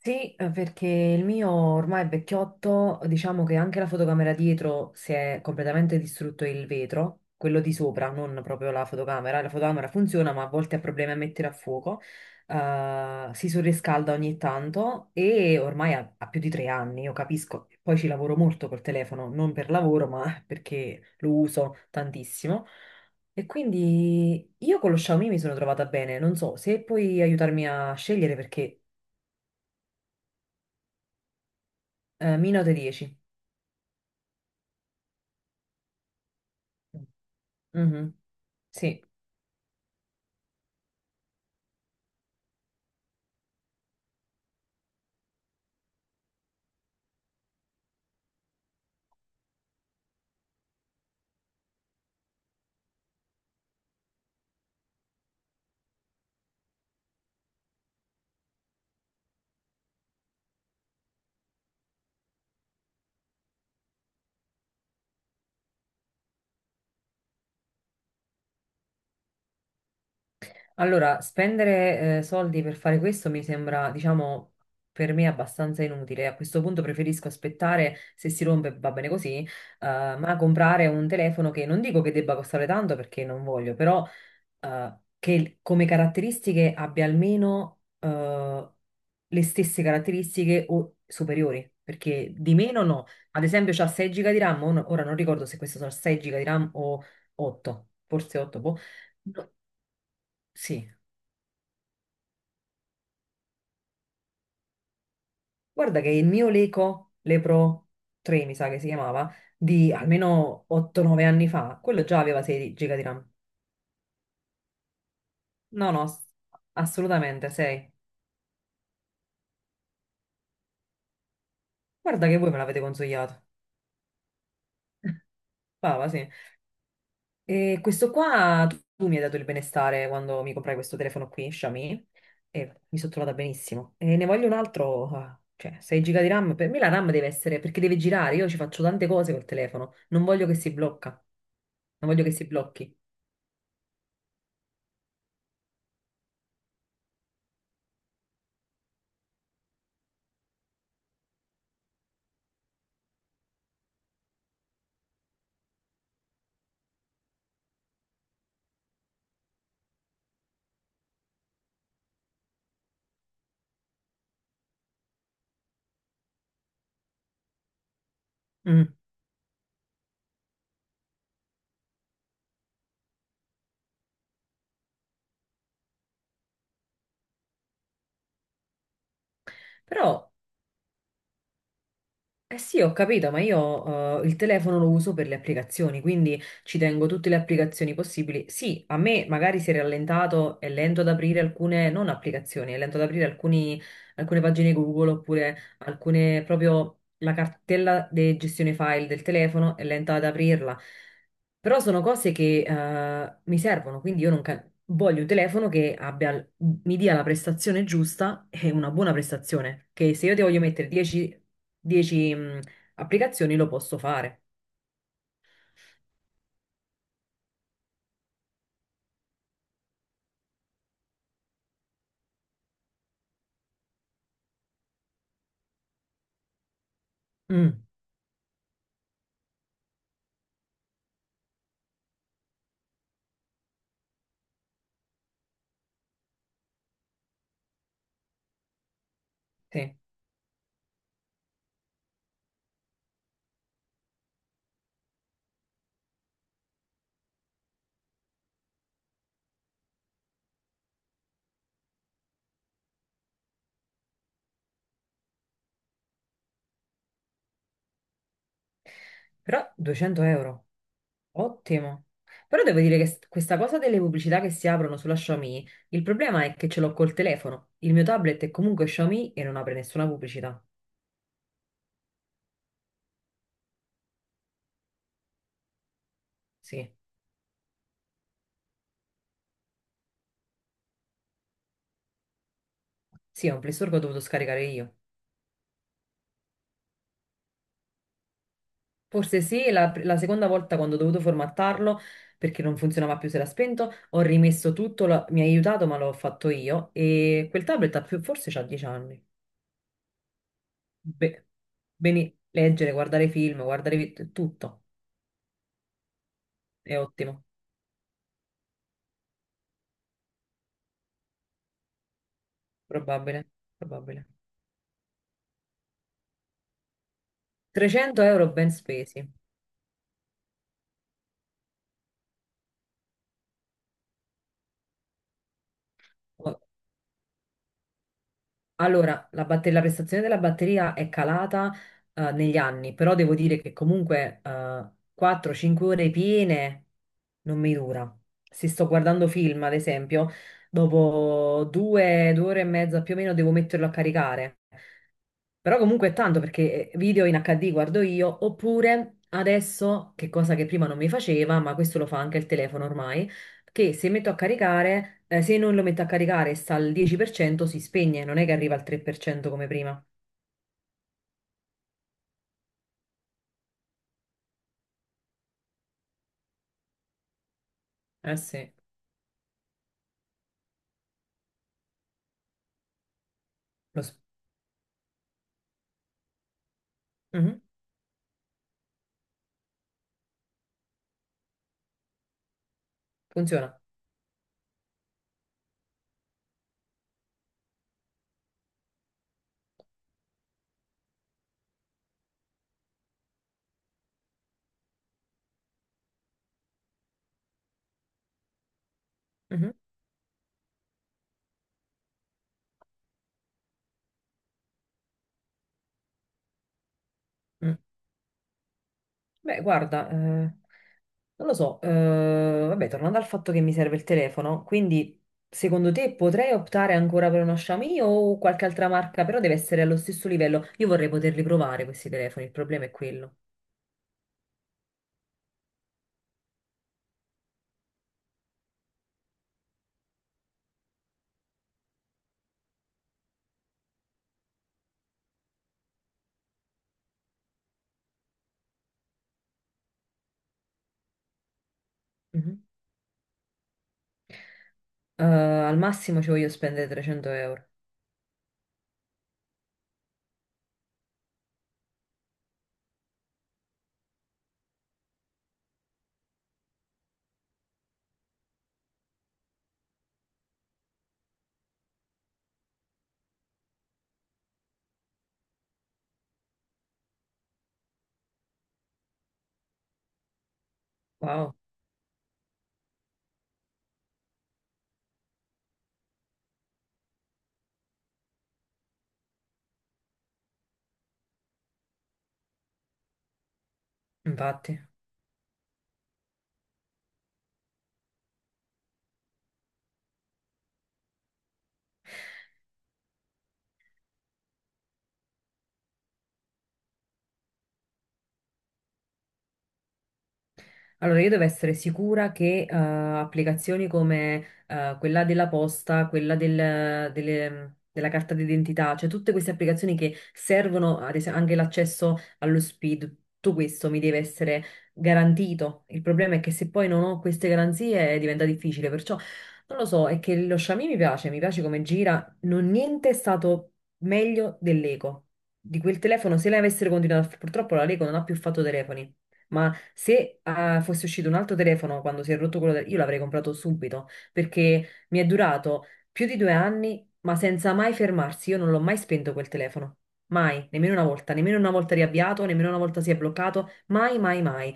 Sì, perché il mio ormai è vecchiotto, diciamo che anche la fotocamera dietro si è completamente distrutto il vetro, quello di sopra, non proprio la fotocamera. La fotocamera funziona, ma a volte ha problemi a mettere a fuoco. Si surriscalda ogni tanto e ormai ha più di 3 anni, io capisco. Poi ci lavoro molto col telefono, non per lavoro, ma perché lo uso tantissimo. E quindi io con lo Xiaomi mi sono trovata bene, non so se puoi aiutarmi a scegliere perché... Minuto 10. Mhm. Sì, allora spendere soldi per fare questo mi sembra, diciamo, per me abbastanza inutile. A questo punto preferisco aspettare, se si rompe va bene così, ma comprare un telefono che non dico che debba costare tanto perché non voglio, però che come caratteristiche abbia almeno le stesse caratteristiche o superiori, perché di meno no. Ad esempio, c'ha 6 giga di RAM, o ora non ricordo se questo sono 6 giga di RAM o 8, forse 8, boh. No, sì. Guarda che il mio Leco, Lepro 3 mi sa che si chiamava, di almeno 8-9 anni fa, quello già aveva 6 giga di RAM. No, no, assolutamente 6. Guarda che voi me l'avete consigliato. Brava, sì. E questo qua, tu mi hai dato il benestare quando mi comprai questo telefono qui, Xiaomi, e mi sono trovata benissimo. E ne voglio un altro, ah, cioè 6 giga di RAM, per me la RAM deve essere, perché deve girare, io ci faccio tante cose col telefono, non voglio che si blocca, non voglio che si blocchi. Mm. Però... Eh sì, ho capito, ma io il telefono lo uso per le applicazioni, quindi ci tengo tutte le applicazioni possibili. Sì, a me magari si è rallentato, è lento ad aprire alcune, non applicazioni, è lento ad aprire alcune pagine Google oppure alcune proprio la cartella di gestione file del telefono è lenta ad aprirla. Però sono cose che mi servono, quindi io non ca- voglio un telefono che abbia, mi dia la prestazione giusta e una buona prestazione, che se io ti voglio mettere 10, 10, mh, applicazioni lo posso fare. Mm, sì. Però 200 euro, ottimo. Però devo dire che questa cosa delle pubblicità che si aprono sulla Xiaomi, il problema è che ce l'ho col telefono. Il mio tablet è comunque Xiaomi e non apre nessuna pubblicità. Sì, sì, è un Play Store che ho dovuto scaricare io. Forse sì, la seconda volta quando ho dovuto formattarlo perché non funzionava più, si era spento, ho rimesso tutto, mi ha aiutato ma l'ho fatto io e quel tablet ha più, forse c'ha 10 anni. Beh, bene, leggere, guardare film, guardare tutto, è ottimo. Probabile, probabile. 300 euro ben spesi. Oh, allora, la prestazione della batteria è calata negli anni, però devo dire che comunque 4-5 ore piene non mi dura. Se sto guardando film, ad esempio, dopo 2 ore e mezza più o meno devo metterlo a caricare. Però comunque è tanto perché video in HD guardo io, oppure adesso, che cosa che prima non mi faceva, ma questo lo fa anche il telefono ormai, che se metto a caricare, se non lo metto a caricare e sta al 10% si spegne, non è che arriva al 3% come prima. Eh sì, lo s- Mhm. Funziona. Mhm, mm. Beh, guarda, non lo so, vabbè, tornando al fatto che mi serve il telefono, quindi secondo te potrei optare ancora per uno Xiaomi o qualche altra marca, però deve essere allo stesso livello. Io vorrei poterli provare questi telefoni, il problema è quello. Mhm. Al massimo ci voglio spendere 300 euro. Wow, infatti. Allora, io devo essere sicura che applicazioni come quella della posta, quella della carta d'identità, cioè tutte queste applicazioni che servono, ad esempio, anche l'accesso allo SPID, tutto questo mi deve essere garantito. Il problema è che se poi non ho queste garanzie diventa difficile, perciò non lo so, è che lo Xiaomi mi piace come gira, non niente è stato meglio dell'Eco. Di quel telefono, se lei avesse continuato, purtroppo la Leco non ha più fatto telefoni. Ma se fosse uscito un altro telefono quando si è rotto quello del... Io l'avrei comprato subito perché mi è durato più di 2 anni, ma senza mai fermarsi. Io non l'ho mai spento quel telefono. Mai, nemmeno una volta riavviato, nemmeno una volta si è bloccato. Mai, mai, mai.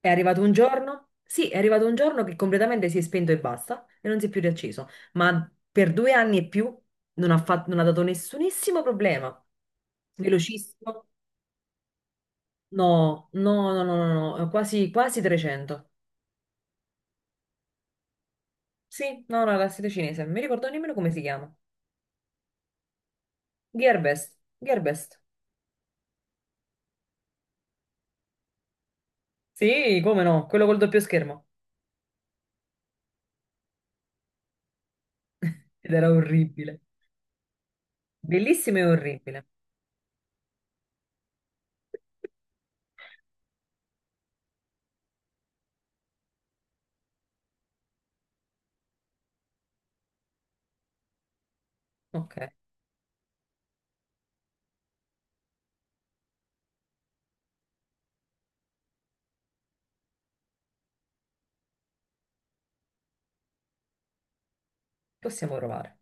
È arrivato un giorno? Sì, è arrivato un giorno che completamente si è spento e basta e non si è più riacceso. Ma per 2 anni e più non ha dato nessunissimo problema. Velocissimo. No, no, no, no, no, no, no, quasi, quasi 300. Sì, no, no, la seta cinese, non mi ricordo nemmeno come si chiama. Gearbest, Gearbest. Sì, come no, quello col doppio schermo. Ed era orribile. Bellissimo e orribile. Ok, possiamo provare.